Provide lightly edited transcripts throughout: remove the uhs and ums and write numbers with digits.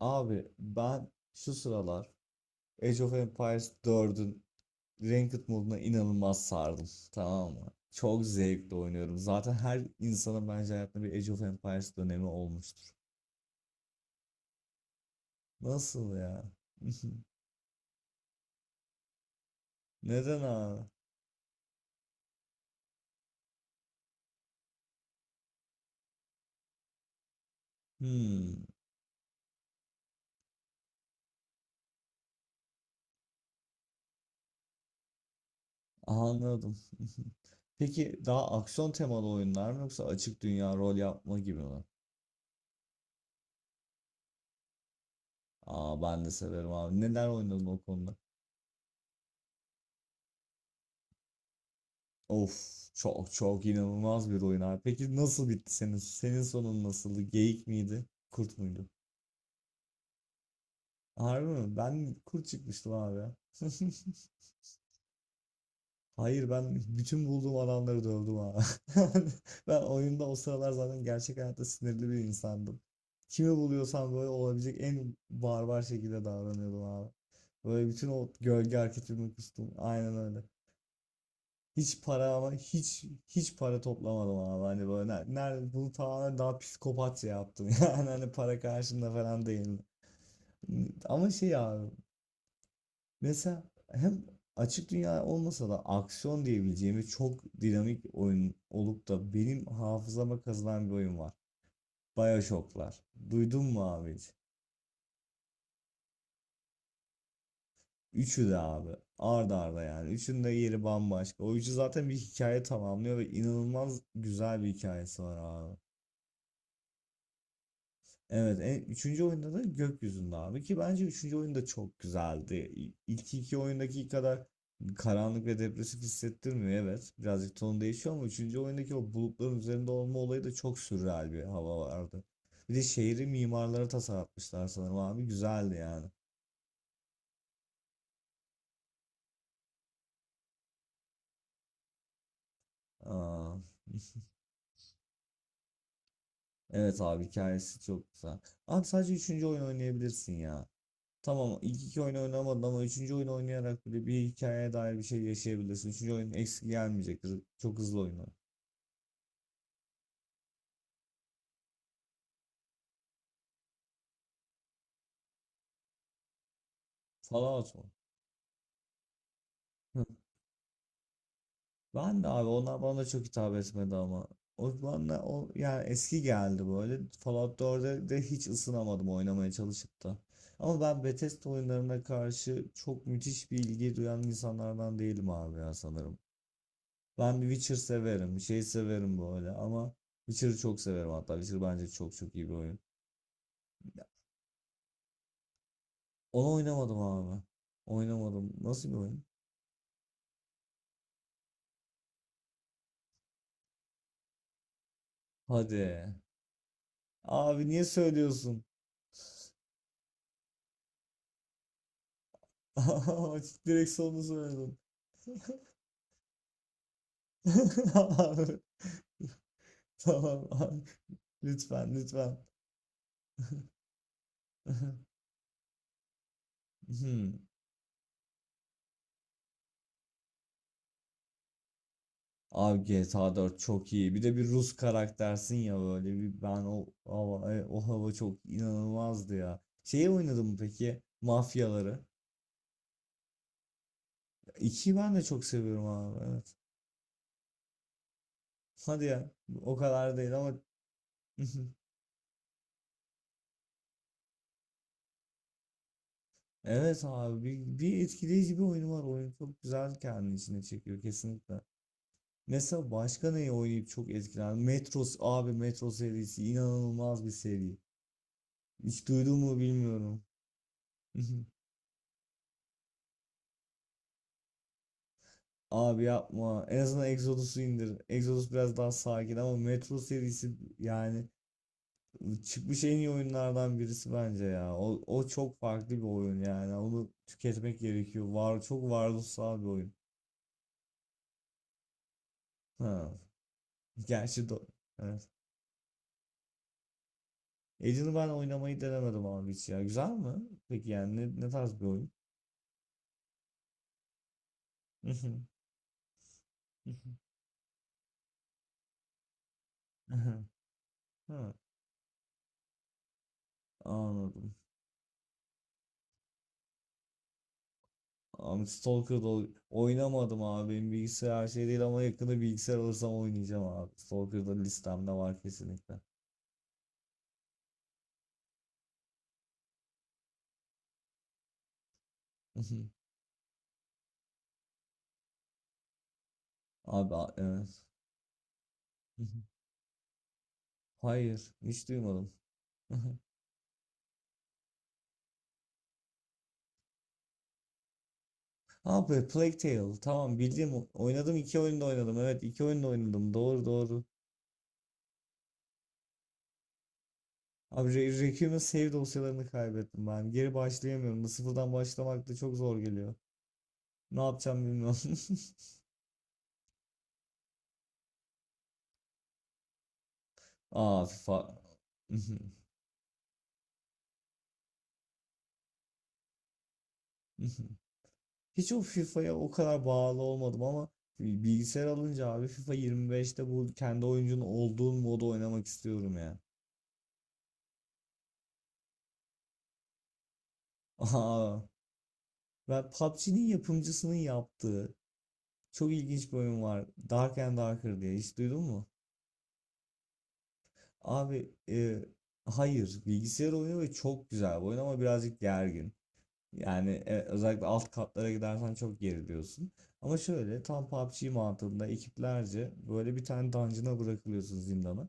Abi ben şu sıralar Age of Empires 4'ün Ranked moduna inanılmaz sardım. Tamam mı? Çok zevkle oynuyorum. Zaten her insanın bence hayatında bir Age of Empires dönemi olmuştur. Nasıl ya? Neden abi? Hmm, anladım. Peki daha aksiyon temalı oyunlar mı yoksa açık dünya rol yapma gibi mi? Aa, ben de severim abi. Neler oynadın o konuda? Of, çok çok inanılmaz bir oyun abi. Peki nasıl bitti senin? Senin sonun nasıldı? Geyik miydi? Kurt muydu? Harbi mi? Ben kurt çıkmıştım abi. Hayır, ben bütün bulduğum adamları dövdüm abi. Ben oyunda o sıralar zaten gerçek hayatta sinirli bir insandım. Kimi buluyorsam böyle olabilecek en barbar şekilde davranıyordum abi. Böyle bütün o gölge hareketimi kustum. Aynen öyle. Hiç para, ama hiç hiç para toplamadım abi, hani böyle nerede bunu tamamen daha psikopatça yaptım, yani hani para karşında falan değil ama şey abi, mesela hem açık dünya olmasa da aksiyon diyebileceğimiz çok dinamik oyun olup da benim hafızama kazınan bir oyun var: BioShock'lar. Duydun mu abi hiç? Üçü de abi, ard arda. Yani üçünün de yeri bambaşka. O üçü zaten bir hikaye tamamlıyor ve inanılmaz güzel bir hikayesi var abi. Evet, üçüncü oyunda da gökyüzünde abi, ki bence üçüncü oyunda çok güzeldi. İlk iki oyundaki kadar karanlık ve depresif hissettirmiyor, evet. Birazcık ton değişiyor ama üçüncü oyundaki o bulutların üzerinde olma olayı da çok sürreal bir hava vardı. Bir de şehri mimarlara tasarlatmışlar sanırım abi, güzeldi yani. Aa, evet abi, hikayesi çok güzel. Abi sadece üçüncü oyun oynayabilirsin ya. Tamam, ilk iki oyunu oynamadın ama üçüncü oyunu oynayarak bile bir hikayeye dair bir şey yaşayabilirsin. Üçüncü oyun eksik gelmeyecektir. Çok hızlı oynar. Fallout mu? Hı. Ben de abi, onlar bana da çok hitap etmedi ama. O bana, o yani eski geldi böyle. Fallout 4'e de hiç ısınamadım, oynamaya çalışıp da. Ama ben Bethesda oyunlarına karşı çok müthiş bir ilgi duyan insanlardan değilim abi ya, sanırım. Ben Witcher severim, şey severim böyle ama Witcher'ı çok severim hatta. Witcher bence çok çok iyi bir oyun. Onu oynamadım abi. Oynamadım. Nasıl bir oyun? Hadi. Abi niye söylüyorsun? Direkt sonunu söyledim. Abi, tamam abi. Lütfen lütfen. Hmm. Abi GTA 4 çok iyi. Bir de bir Rus karaktersin ya böyle. Bir, ben o hava, o hava çok inanılmazdı ya. Şeyi oynadın mı peki? Mafyaları. 2'yi ben de çok seviyorum abi. Evet. Hadi ya. O kadar değil ama. Evet abi, bir etkileyici bir oyunu var. Oyun çok güzel, kendi içine çekiyor kesinlikle. Mesela başka neyi oynayıp çok etkilendim? Metros abi, Metro serisi inanılmaz bir seri. Hiç duydun mu bilmiyorum. Abi yapma. En azından Exodus'u indir. Exodus biraz daha sakin ama Metro serisi, yani çıkmış en iyi oyunlardan birisi bence ya. O çok farklı bir oyun yani. Onu tüketmek gerekiyor. Var, çok varoluşsal bir oyun. Ha. Gerçi do- evet. Alien'ı ben oynamayı denemedim abi hiç ya. Güzel mi? Peki yani ne tarz bir oyun? Ha, anladım. Abi oynamadım abi. Benim bilgisayar her şey değil ama yakında bilgisayar alırsam oynayacağım abi. Stalker'da listemde var kesinlikle. Abi evet. Hayır, hiç duymadım. Abi Plague Tale. Tamam, bildiğim oynadım, iki oyunda oynadım. Evet, iki oyunda oynadım. Doğru doğru. Abi Requiem'in save dosyalarını kaybettim ben. Geri başlayamıyorum. Bu sıfırdan başlamak da çok zor geliyor. Ne yapacağım bilmiyorum. Aa, FIFA. Hiç o FIFA'ya o kadar bağlı olmadım ama bilgisayar alınca abi, FIFA 25'te bu kendi oyuncunun olduğun modu oynamak istiyorum ya. Aa, ben PUBG'nin yapımcısının yaptığı çok ilginç bir oyun var. Dark and Darker diye hiç duydun mu? Abi hayır, bilgisayar oyunu ve çok güzel bir oyun ama birazcık gergin. Yani özellikle alt katlara gidersen çok geriliyorsun. Ama şöyle, tam PUBG mantığında ekiplerce böyle bir tane dungeon'a bırakılıyorsun, zindana.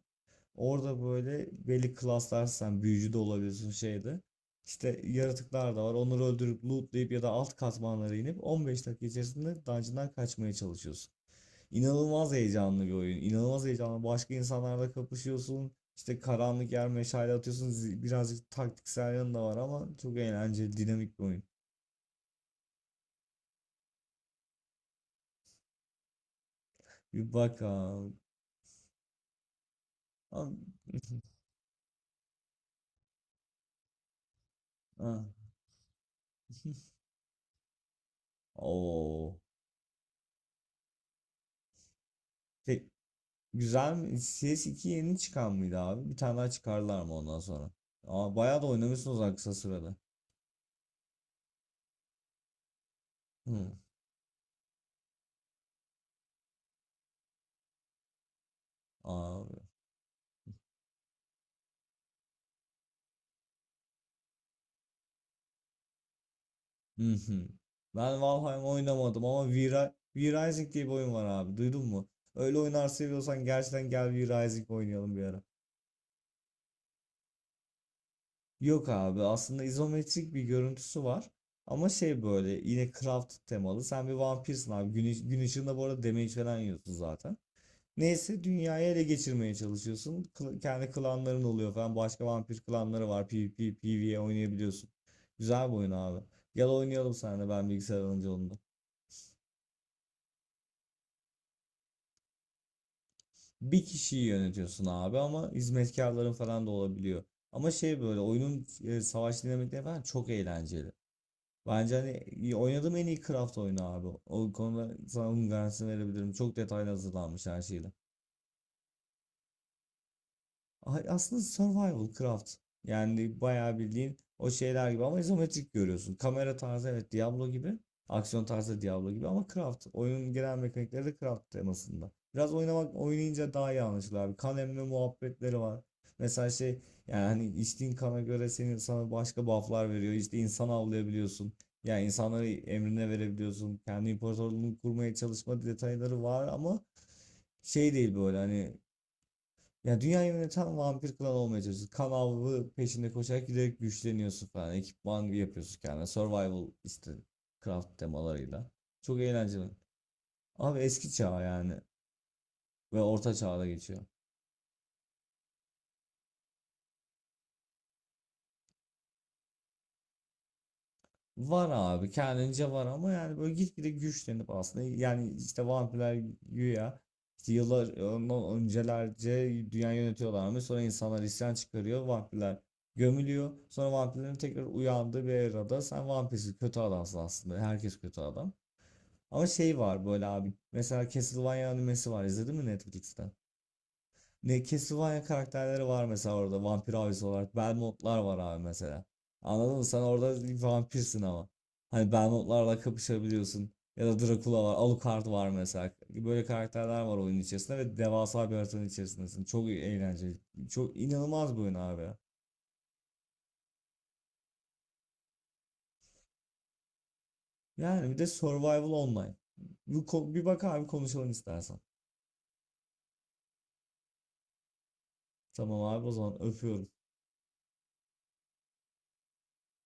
Orada böyle belli klaslar, sen büyücü de olabiliyorsun şeyde. İşte yaratıklar da var. Onları öldürüp lootlayıp ya da alt katmanlara inip 15 dakika içerisinde dungeon'dan kaçmaya çalışıyorsun. İnanılmaz heyecanlı bir oyun. İnanılmaz heyecanlı. Başka insanlarla kapışıyorsun. İşte karanlık yer, meşale atıyorsun. Birazcık taktiksel yanı da var ama çok eğlenceli, dinamik bir oyun. Bir bakalım. Am- Ah. Oo. Pek, güzel mi? CS2 yeni çıkan mıydı abi? Bir tane daha çıkarlar mı ondan sonra? Aa, bayağı da oynamışsınız ha kısa sırada. Hı. Aa, hı hı. Ben Valheim oynamadım ama V-Rising, V-Rising diye bir oyun var abi. Duydun mu? Öyle oyunlar seviyorsan gerçekten gel, V-Rising oynayalım bir ara. Yok abi, aslında izometrik bir görüntüsü var. Ama şey, böyle yine craft temalı. Sen bir vampirsin abi. Gün ışığında bu arada damage falan yiyorsun zaten. Neyse dünyayı ele geçirmeye çalışıyorsun. Kendi klanların oluyor falan. Başka vampir klanları var. PvP, PvE oynayabiliyorsun. Güzel bir oyun abi. Gel oynayalım seninle, ben bilgisayar alınca onu da. Bir kişiyi yönetiyorsun abi ama hizmetkarların falan da olabiliyor. Ama şey böyle oyunun savaş dinamikleri falan çok eğlenceli. Bence hani oynadığım en iyi Craft oyunu abi. O konuda sana onun garantisini verebilirim. Çok detaylı hazırlanmış her şeyle. Aslında survival craft. Yani bayağı bildiğin o şeyler gibi ama izometrik görüyorsun. Kamera tarzı, evet, Diablo gibi. Aksiyon tarzı Diablo gibi ama craft. Oyunun genel mekanikleri de craft temasında. Biraz oynamak, oynayınca daha iyi anlaşılır abi. Kan emme muhabbetleri var. Mesela şey, yani hani içtiğin kana göre senin, sana başka buff'lar veriyor. İşte insan avlayabiliyorsun. Yani insanları emrine verebiliyorsun. Kendi imparatorluğunu kurmaya çalışma detayları var ama şey değil böyle hani, ya dünyayı yöneten vampir klan olmaya çalışıyorsun. Kan avı peşinde koşarak giderek güçleniyorsun falan. Ekipman yapıyorsun kendine. Survival işte craft temalarıyla. Çok eğlenceli. Abi eski çağ yani. Ve orta çağda geçiyor. Var abi, kendince var ama yani böyle gitgide güçlenip, aslında yani işte vampirler güya işte yıllar ondan öncelerce dünya yönetiyorlarmış, sonra insanlar isyan çıkarıyor, vampirler gömülüyor, sonra vampirlerin tekrar uyandığı bir erada sen vampirsin, kötü adamsın, aslında herkes kötü adam. Ama şey var böyle abi, mesela Castlevania animesi var, izledin mi Netflix'ten? Ne, Castlevania karakterleri var mesela orada, vampir abisi olarak. Belmontlar var abi mesela. Anladın mı? Sen orada bir vampirsin ama. Hani Belmontlarla kapışabiliyorsun. Ya da Dracula var. Alucard var mesela. Böyle karakterler var oyunun içerisinde ve devasa bir haritanın içerisindesin. Çok eğlenceli. Çok inanılmaz bir oyun abi. Yani bir de Survival Online. Bir bak abi, konuşalım istersen. Tamam abi, o zaman öpüyorum.